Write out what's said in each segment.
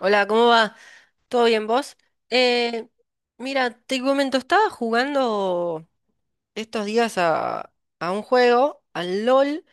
Hola, ¿cómo va? ¿Todo bien vos? Eh, mira, te comento, estaba jugando estos días a un juego, al LOL,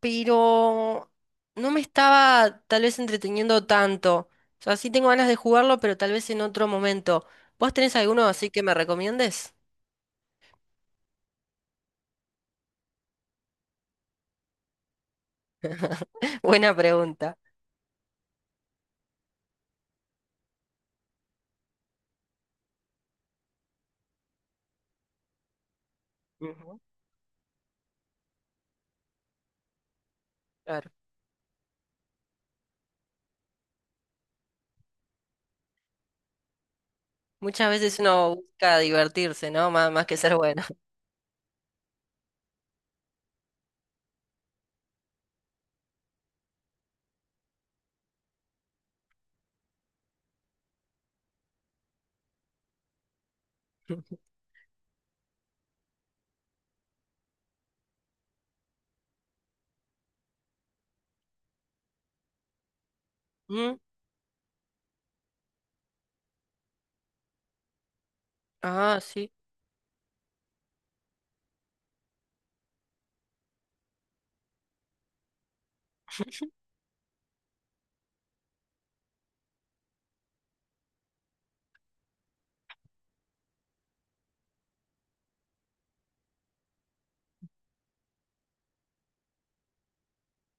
pero no me estaba tal vez entreteniendo tanto. O sea, sí tengo ganas de jugarlo, pero tal vez en otro momento. ¿Vos tenés alguno así que me recomiendes? Buena pregunta. Ujú, claro. Muchas veces uno busca divertirse, ¿no? Más que ser bueno. Mm. Ah, sí.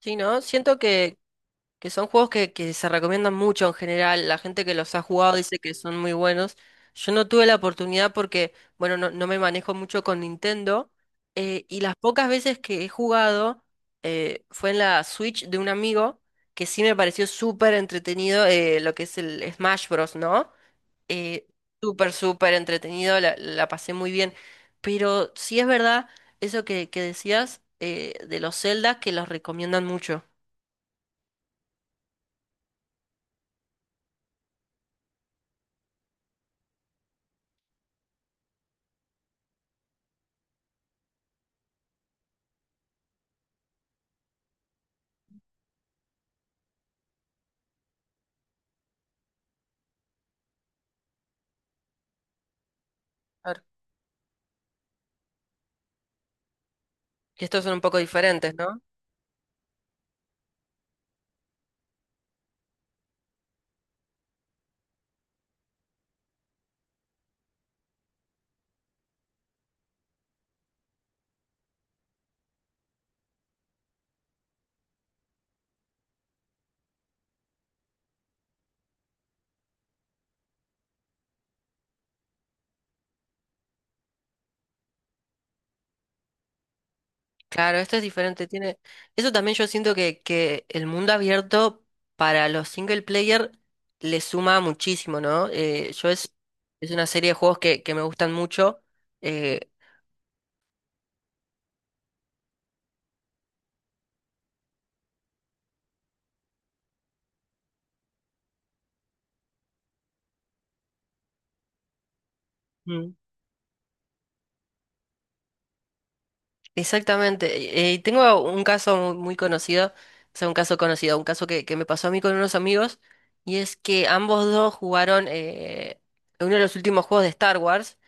Sí, ¿no? Siento que son juegos que se recomiendan mucho en general. La gente que los ha jugado dice que son muy buenos. Yo no tuve la oportunidad porque, bueno, no, no me manejo mucho con Nintendo. Y las pocas veces que he jugado, fue en la Switch de un amigo que sí me pareció súper entretenido, lo que es el Smash Bros, ¿no? Eh, Súper, súper entretenido, la pasé muy bien. Pero sí es verdad eso que decías, de los Zelda que los recomiendan mucho. Y estos son un poco diferentes, ¿no? Claro, esto es diferente, tiene eso también yo siento que el mundo abierto para los single player le suma muchísimo, ¿no? Yo es una serie de juegos que me gustan mucho. eh, Mm. Exactamente. Tengo un caso muy, muy conocido, o sea, un caso conocido, un caso que me pasó a mí con unos amigos, y es que ambos dos jugaron, uno de los últimos juegos de Star Wars.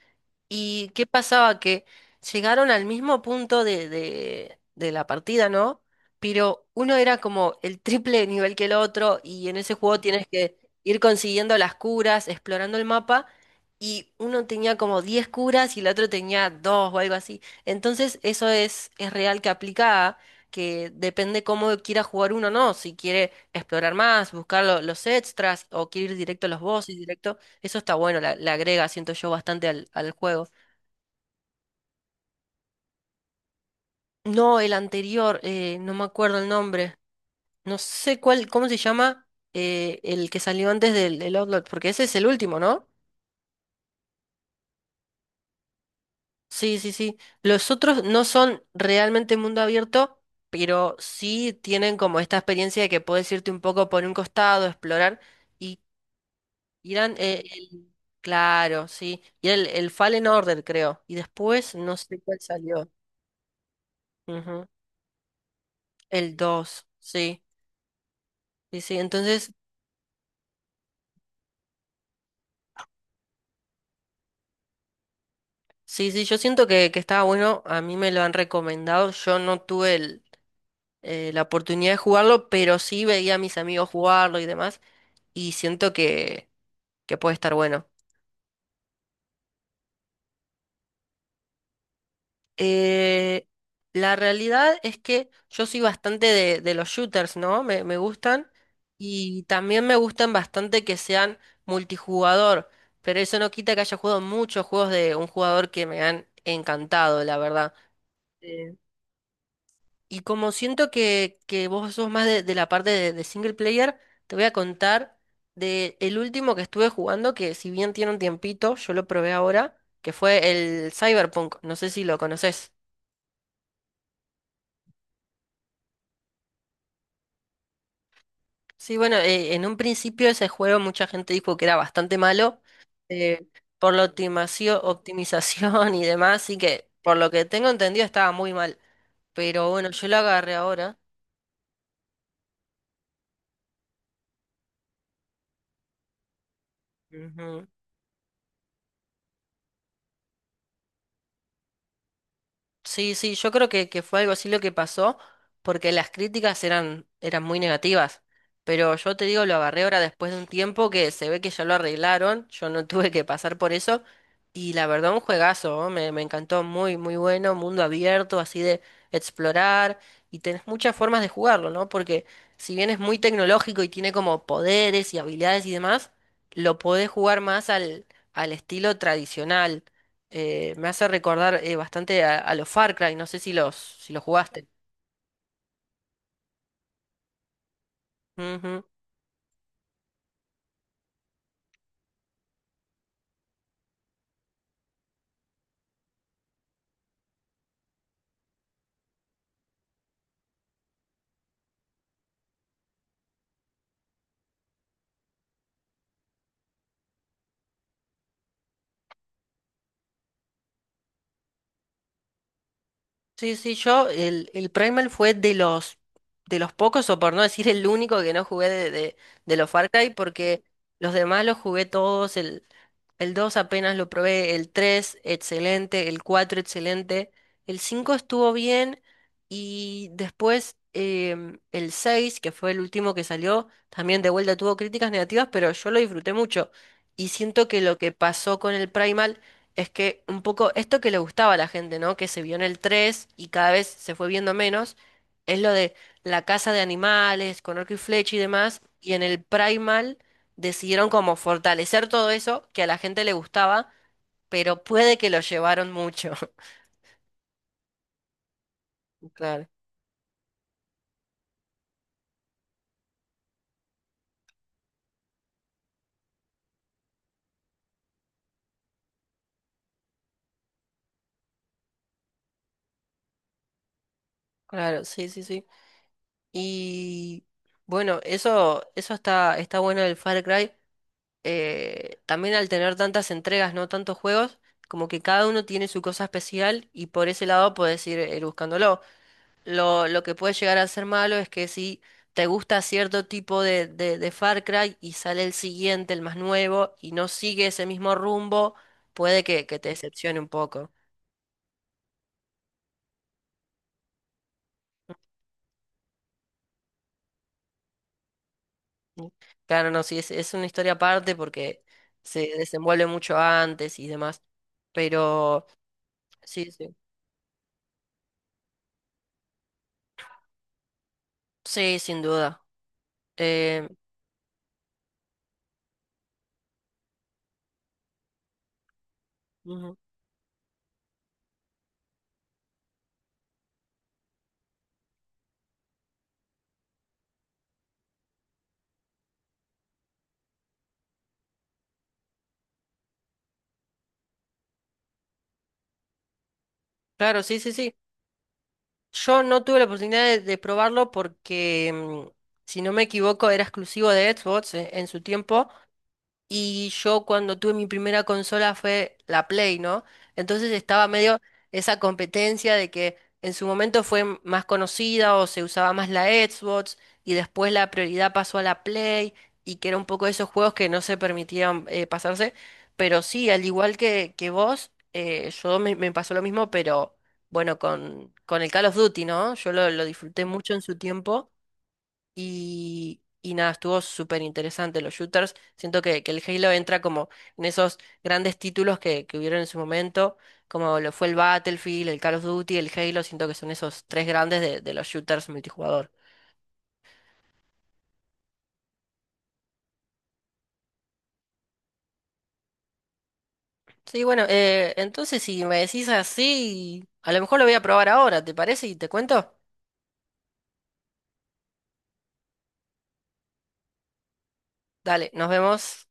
¿Y qué pasaba? Que llegaron al mismo punto de la partida, ¿no? Pero uno era como el triple de nivel que el otro, y en ese juego tienes que ir consiguiendo las curas, explorando el mapa, y uno tenía como 10 curas y el otro tenía dos o algo así. Entonces eso es real que aplica, que depende cómo quiera jugar uno, ¿no? Si quiere explorar más, buscar los extras, o quiere ir directo a los bosses, directo. Eso está bueno, le agrega, siento yo, bastante al juego. No, el anterior, no me acuerdo el nombre. No sé cuál, ¿cómo se llama? El que salió antes del Outlaw, porque ese es el último, ¿no? Sí, sí, sí. Los otros no son realmente mundo abierto, pero sí tienen como esta experiencia de que puedes irte un poco por un costado, explorar, y irán, claro, sí. Y el Fallen Order, creo. Y después no sé cuál salió. Ujú. El 2 sí. Sí, sí, entonces, sí, sí, yo siento que estaba bueno, a mí me lo han recomendado, yo no tuve la oportunidad de jugarlo, pero sí veía a mis amigos jugarlo y demás, y siento que puede estar bueno. Eh, la realidad es que yo soy bastante de los shooters, ¿no? Me gustan, y también me gustan bastante que sean multijugador, pero eso no quita que haya jugado muchos juegos de un jugador que me han encantado, la verdad. Y como siento que vos sos más de la parte de single player, te voy a contar de el último que estuve jugando, que si bien tiene un tiempito, yo lo probé ahora, que fue el Cyberpunk. No sé si lo conoces. Sí, bueno, en un principio ese juego mucha gente dijo que era bastante malo, eh, por la optimización y demás, y que por lo que tengo entendido estaba muy mal. Pero bueno, yo lo agarré ahora. Ujú. Sí, sí, yo creo que fue algo así lo que pasó, porque las críticas eran muy negativas. Pero yo te digo, lo agarré ahora después de un tiempo que se ve que ya lo arreglaron, yo no tuve que pasar por eso. Y la verdad, un juegazo, ¿no? Me encantó, muy, muy bueno, mundo abierto, así de explorar. Y tenés muchas formas de jugarlo, ¿no? Porque si bien es muy tecnológico y tiene como poderes y habilidades y demás, lo podés jugar más al estilo tradicional, me hace recordar, bastante a los Far Cry, no sé si los jugaste. Ujú. Sí, sí, yo el Primal fue de los pocos, o por no decir el único que no jugué de los Far Cry, porque los demás los jugué todos. El 2 apenas lo probé, el 3 excelente, el 4 excelente, el 5 estuvo bien, y después el seis, que fue el último que salió, también de vuelta tuvo críticas negativas, pero yo lo disfruté mucho. Y siento que lo que pasó con el Primal es que un poco esto que le gustaba a la gente, ¿no? Que se vio en el 3 y cada vez se fue viendo menos, es lo de la caza de animales, con arco y flecha y demás, y en el Primal decidieron como fortalecer todo eso que a la gente le gustaba, pero puede que lo llevaron mucho. Claro, claro, sí, sí, sí. Y bueno, eso está bueno del Far Cry. También al tener tantas entregas, no tantos juegos, como que cada uno tiene su cosa especial y por ese lado puedes ir, buscándolo. Lo que puede llegar a ser malo es que si te gusta cierto tipo de Far Cry y sale el siguiente, el más nuevo, y no sigue ese mismo rumbo, puede que te decepcione un poco. Mm. Claro, no, sí, es una historia aparte porque se desenvuelve mucho antes y demás. Pero sí, sí. Sí, sin duda. Eh, ujú. Claro, sí, sí, sí. Yo no tuve la oportunidad de probarlo porque, si no me equivoco, era exclusivo de Xbox, en su tiempo. Y yo cuando tuve mi primera consola fue la Play, ¿no? Entonces estaba medio esa competencia de que en su momento fue más conocida o se usaba más la Xbox, y después la prioridad pasó a la Play, y que era un poco de esos juegos que no se permitían, pasarse. Pero sí, al igual que vos, yo me pasó lo mismo, pero bueno, con el Call of Duty, ¿no? Yo lo disfruté mucho en su tiempo, y nada, estuvo súper interesante los shooters. Siento que el Halo entra como en esos grandes títulos que hubieron en su momento, como lo fue el Battlefield, el Call of Duty, el Halo. Siento que son esos tres grandes de los shooters multijugador. Sí, bueno, entonces si me decís así, a lo mejor lo voy a probar ahora, ¿te parece? Y te cuento. Dale, nos vemos.